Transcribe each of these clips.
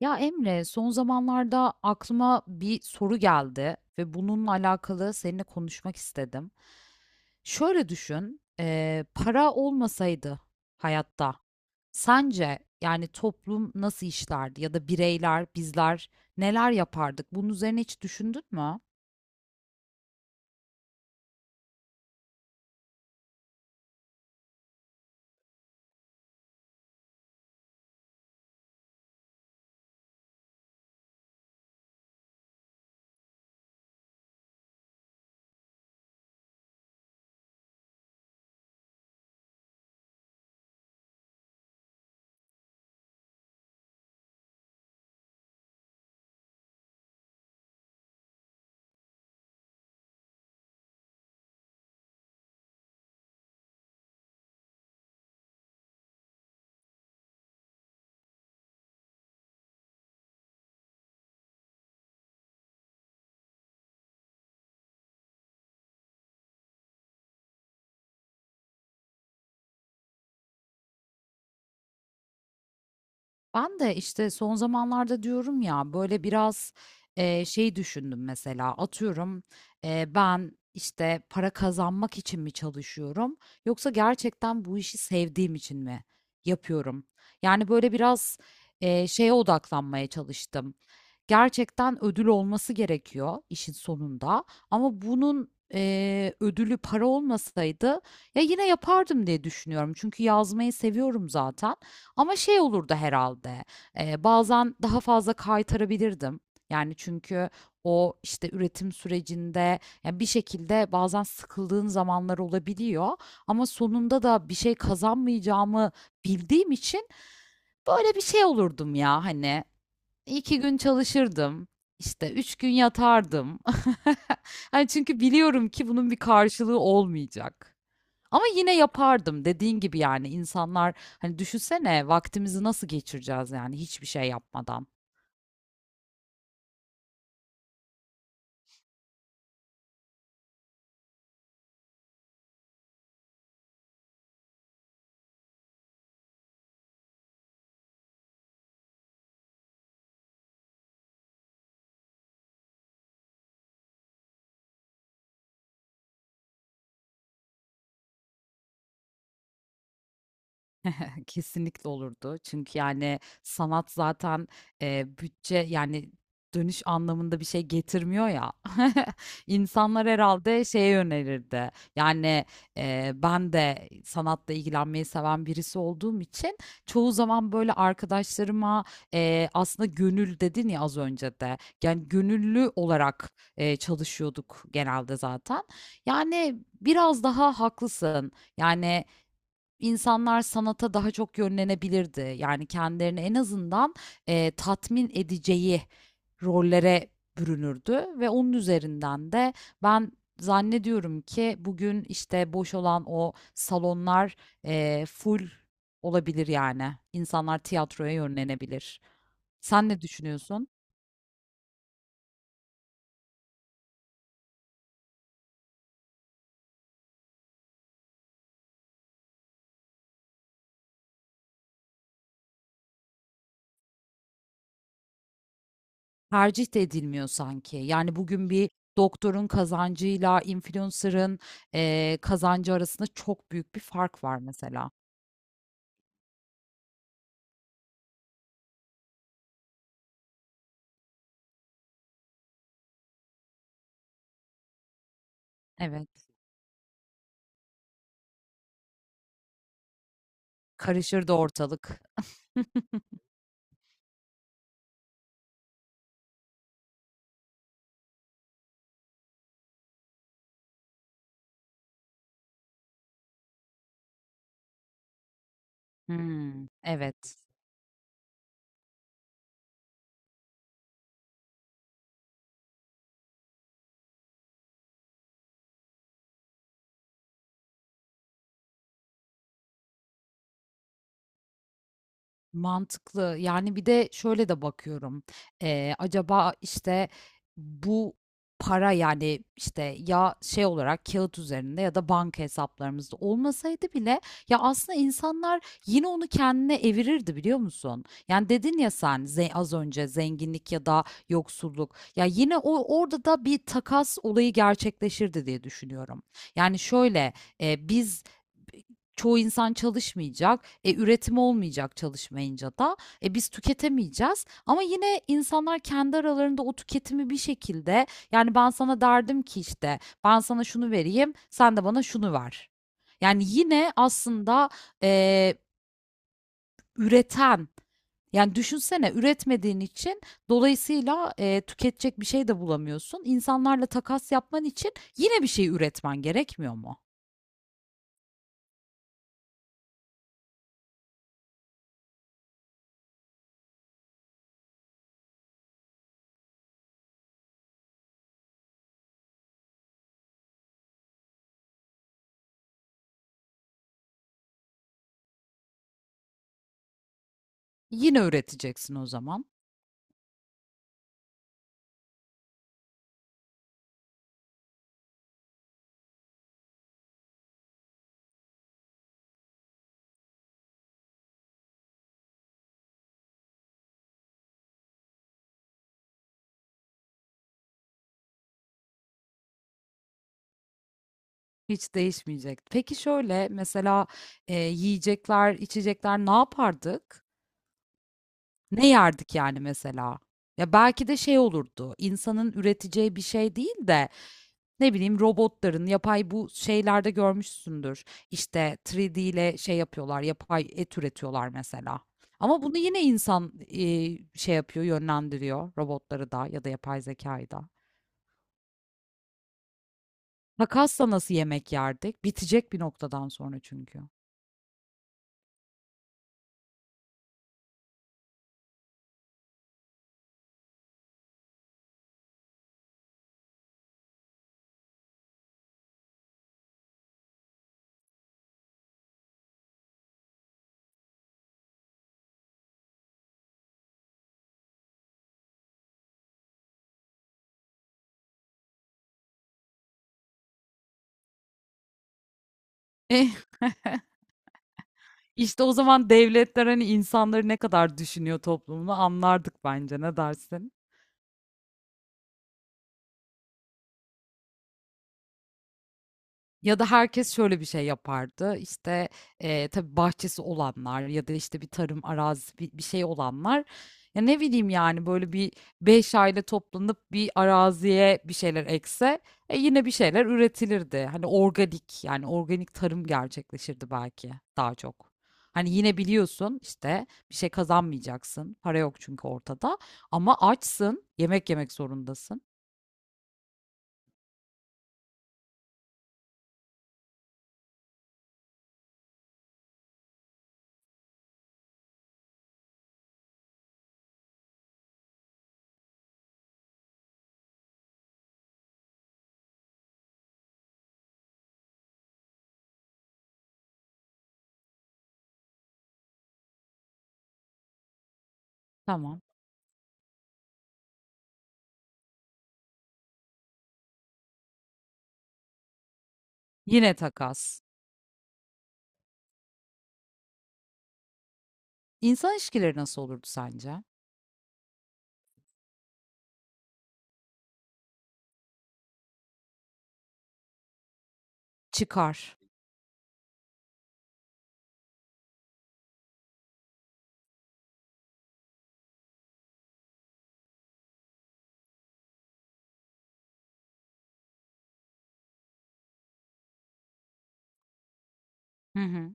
Ya Emre, son zamanlarda aklıma bir soru geldi ve bununla alakalı seninle konuşmak istedim. Şöyle düşün, para olmasaydı hayatta, sence yani toplum nasıl işlerdi ya da bireyler, bizler neler yapardık? Bunun üzerine hiç düşündün mü? Ben de işte son zamanlarda diyorum ya böyle biraz şey düşündüm. Mesela atıyorum, ben işte para kazanmak için mi çalışıyorum yoksa gerçekten bu işi sevdiğim için mi yapıyorum? Yani böyle biraz şeye odaklanmaya çalıştım. Gerçekten ödül olması gerekiyor işin sonunda ama bunun ödülü para olmasaydı ya yine yapardım diye düşünüyorum. Çünkü yazmayı seviyorum zaten. Ama şey olurdu herhalde. Bazen daha fazla kaytarabilirdim. Yani, çünkü o, işte, üretim sürecinde, ya, bir şekilde bazen sıkıldığın zamanlar olabiliyor ama sonunda da bir şey kazanmayacağımı bildiğim için böyle bir şey olurdum ya, hani, 2 gün çalışırdım, işte, 3 gün yatardım. Hani, çünkü biliyorum ki bunun bir karşılığı olmayacak. Ama yine yapardım dediğin gibi. Yani insanlar, hani, düşünsene vaktimizi nasıl geçireceğiz yani hiçbir şey yapmadan. Kesinlikle olurdu. Çünkü yani sanat zaten, bütçe yani dönüş anlamında bir şey getirmiyor ya. İnsanlar herhâlde şeye yönelirdi. Yani, ben de sanatla ilgilenmeyi seven birisi olduğum için çoğu zaman böyle arkadaşlarıma, aslında gönül dedin ya az önce de, yani gönüllü olarak, çalışıyorduk genelde zaten. Yani biraz daha haklısın. Yani İnsanlar sanata daha çok yönlenebilirdi. Yani kendilerini en azından, tatmin edeceği rollere bürünürdü ve onun üzerinden de ben zannediyorum ki bugün, işte, boş olan o salonlar, full olabilir yani. İnsanlar tiyatroya yönlenebilir. Sen ne düşünüyorsun? Tercih de edilmiyor sanki. Yani bugün bir doktorun kazancıyla influencer'ın, kazancı arasında çok büyük bir fark var mesela. Evet, karışırdı ortalık. Hımm, evet. Mantıklı. Yani bir de şöyle de bakıyorum. Acaba işte bu para, yani işte ya şey olarak kağıt üzerinde ya da banka hesaplarımızda olmasaydı bile, ya aslında insanlar yine onu kendine evirirdi, biliyor musun? Yani dedin ya sen, az önce zenginlik ya da yoksulluk. Ya yine o orada da bir takas olayı gerçekleşirdi diye düşünüyorum. Yani şöyle, e, biz, çoğu insan çalışmayacak. E, üretim olmayacak çalışmayınca da. E, biz tüketemeyeceğiz. Ama yine insanlar kendi aralarında o tüketimi bir şekilde, yani ben sana derdim ki işte ben sana şunu vereyim sen de bana şunu ver. Yani yine aslında, e, üreten, yani düşünsene, üretmediğin için dolayısıyla e, tüketecek bir şey de bulamıyorsun. İnsanlarla takas yapman için yine bir şey üretmen gerekmiyor mu? Yine üreteceksin o zaman. Hiç değişmeyecek. Peki şöyle mesela, yiyecekler, içecekler ne yapardık? Ne yerdik yani mesela? Ya belki de şey olurdu, insanın üreteceği bir şey değil de, ne bileyim, robotların, yapay bu şeylerde görmüşsündür. İşte 3D ile şey yapıyorlar, yapay et üretiyorlar mesela. Ama bunu yine insan, şey yapıyor, yönlendiriyor robotları da ya da yapay zekayı da. Makasla nasıl yemek yerdik? Bitecek bir noktadan sonra çünkü. İşte o zaman devletler hani insanları ne kadar düşünüyor toplumunu anlardık bence. Ne dersin? Ya da herkes şöyle bir şey yapardı. İşte, tabii bahçesi olanlar ya da, işte, bir tarım arazisi bir şey olanlar, ya, ne bileyim, yani, böyle bir 5 aile toplanıp bir araziye bir şeyler ekse, e, yine bir şeyler üretilirdi. Hani, organik, yani, organik tarım gerçekleşirdi belki daha çok. Hani, yine biliyorsun, işte, bir şey kazanmayacaksın. Para yok çünkü ortada ama açsın, yemek yemek zorundasın. Tamam. Yine takas. İnsan ilişkileri nasıl olurdu sence? Çıkar. Hı hı.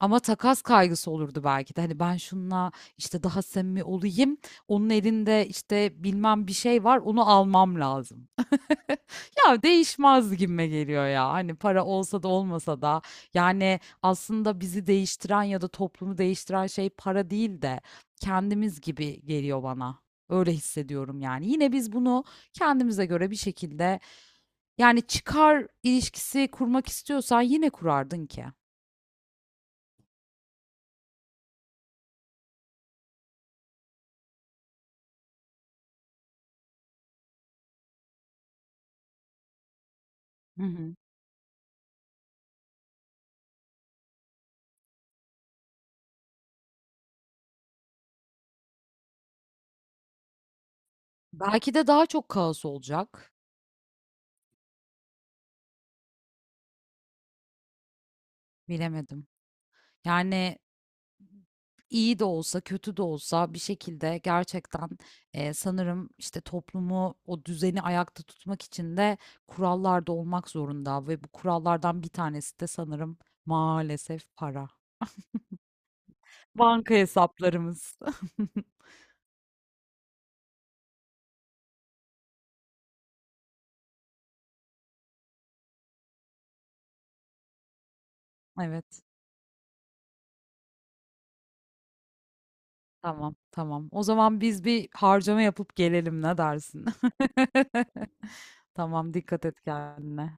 Ama takas kaygısı olurdu belki de. Hani ben şununla işte daha samimi olayım. Onun elinde işte bilmem bir şey var. Onu almam lazım. Ya değişmez gibime geliyor ya. Hani para olsa da olmasa da, yani aslında bizi değiştiren ya da toplumu değiştiren şey para değil de kendimiz gibi geliyor bana. Öyle hissediyorum yani. Yine biz bunu kendimize göre bir şekilde, yani çıkar ilişkisi kurmak istiyorsan yine kurardın ki. Belki de daha çok kaos olacak. Bilemedim. Yani iyi de olsa, kötü de olsa bir şekilde gerçekten e, sanırım işte toplumu, o düzeni ayakta tutmak için de kurallar da olmak zorunda ve bu kurallardan bir tanesi de sanırım maalesef para. Banka hesaplarımız. Evet. Tamam, tamam. O zaman biz bir harcama yapıp gelelim, ne dersin? Tamam, dikkat et kendine.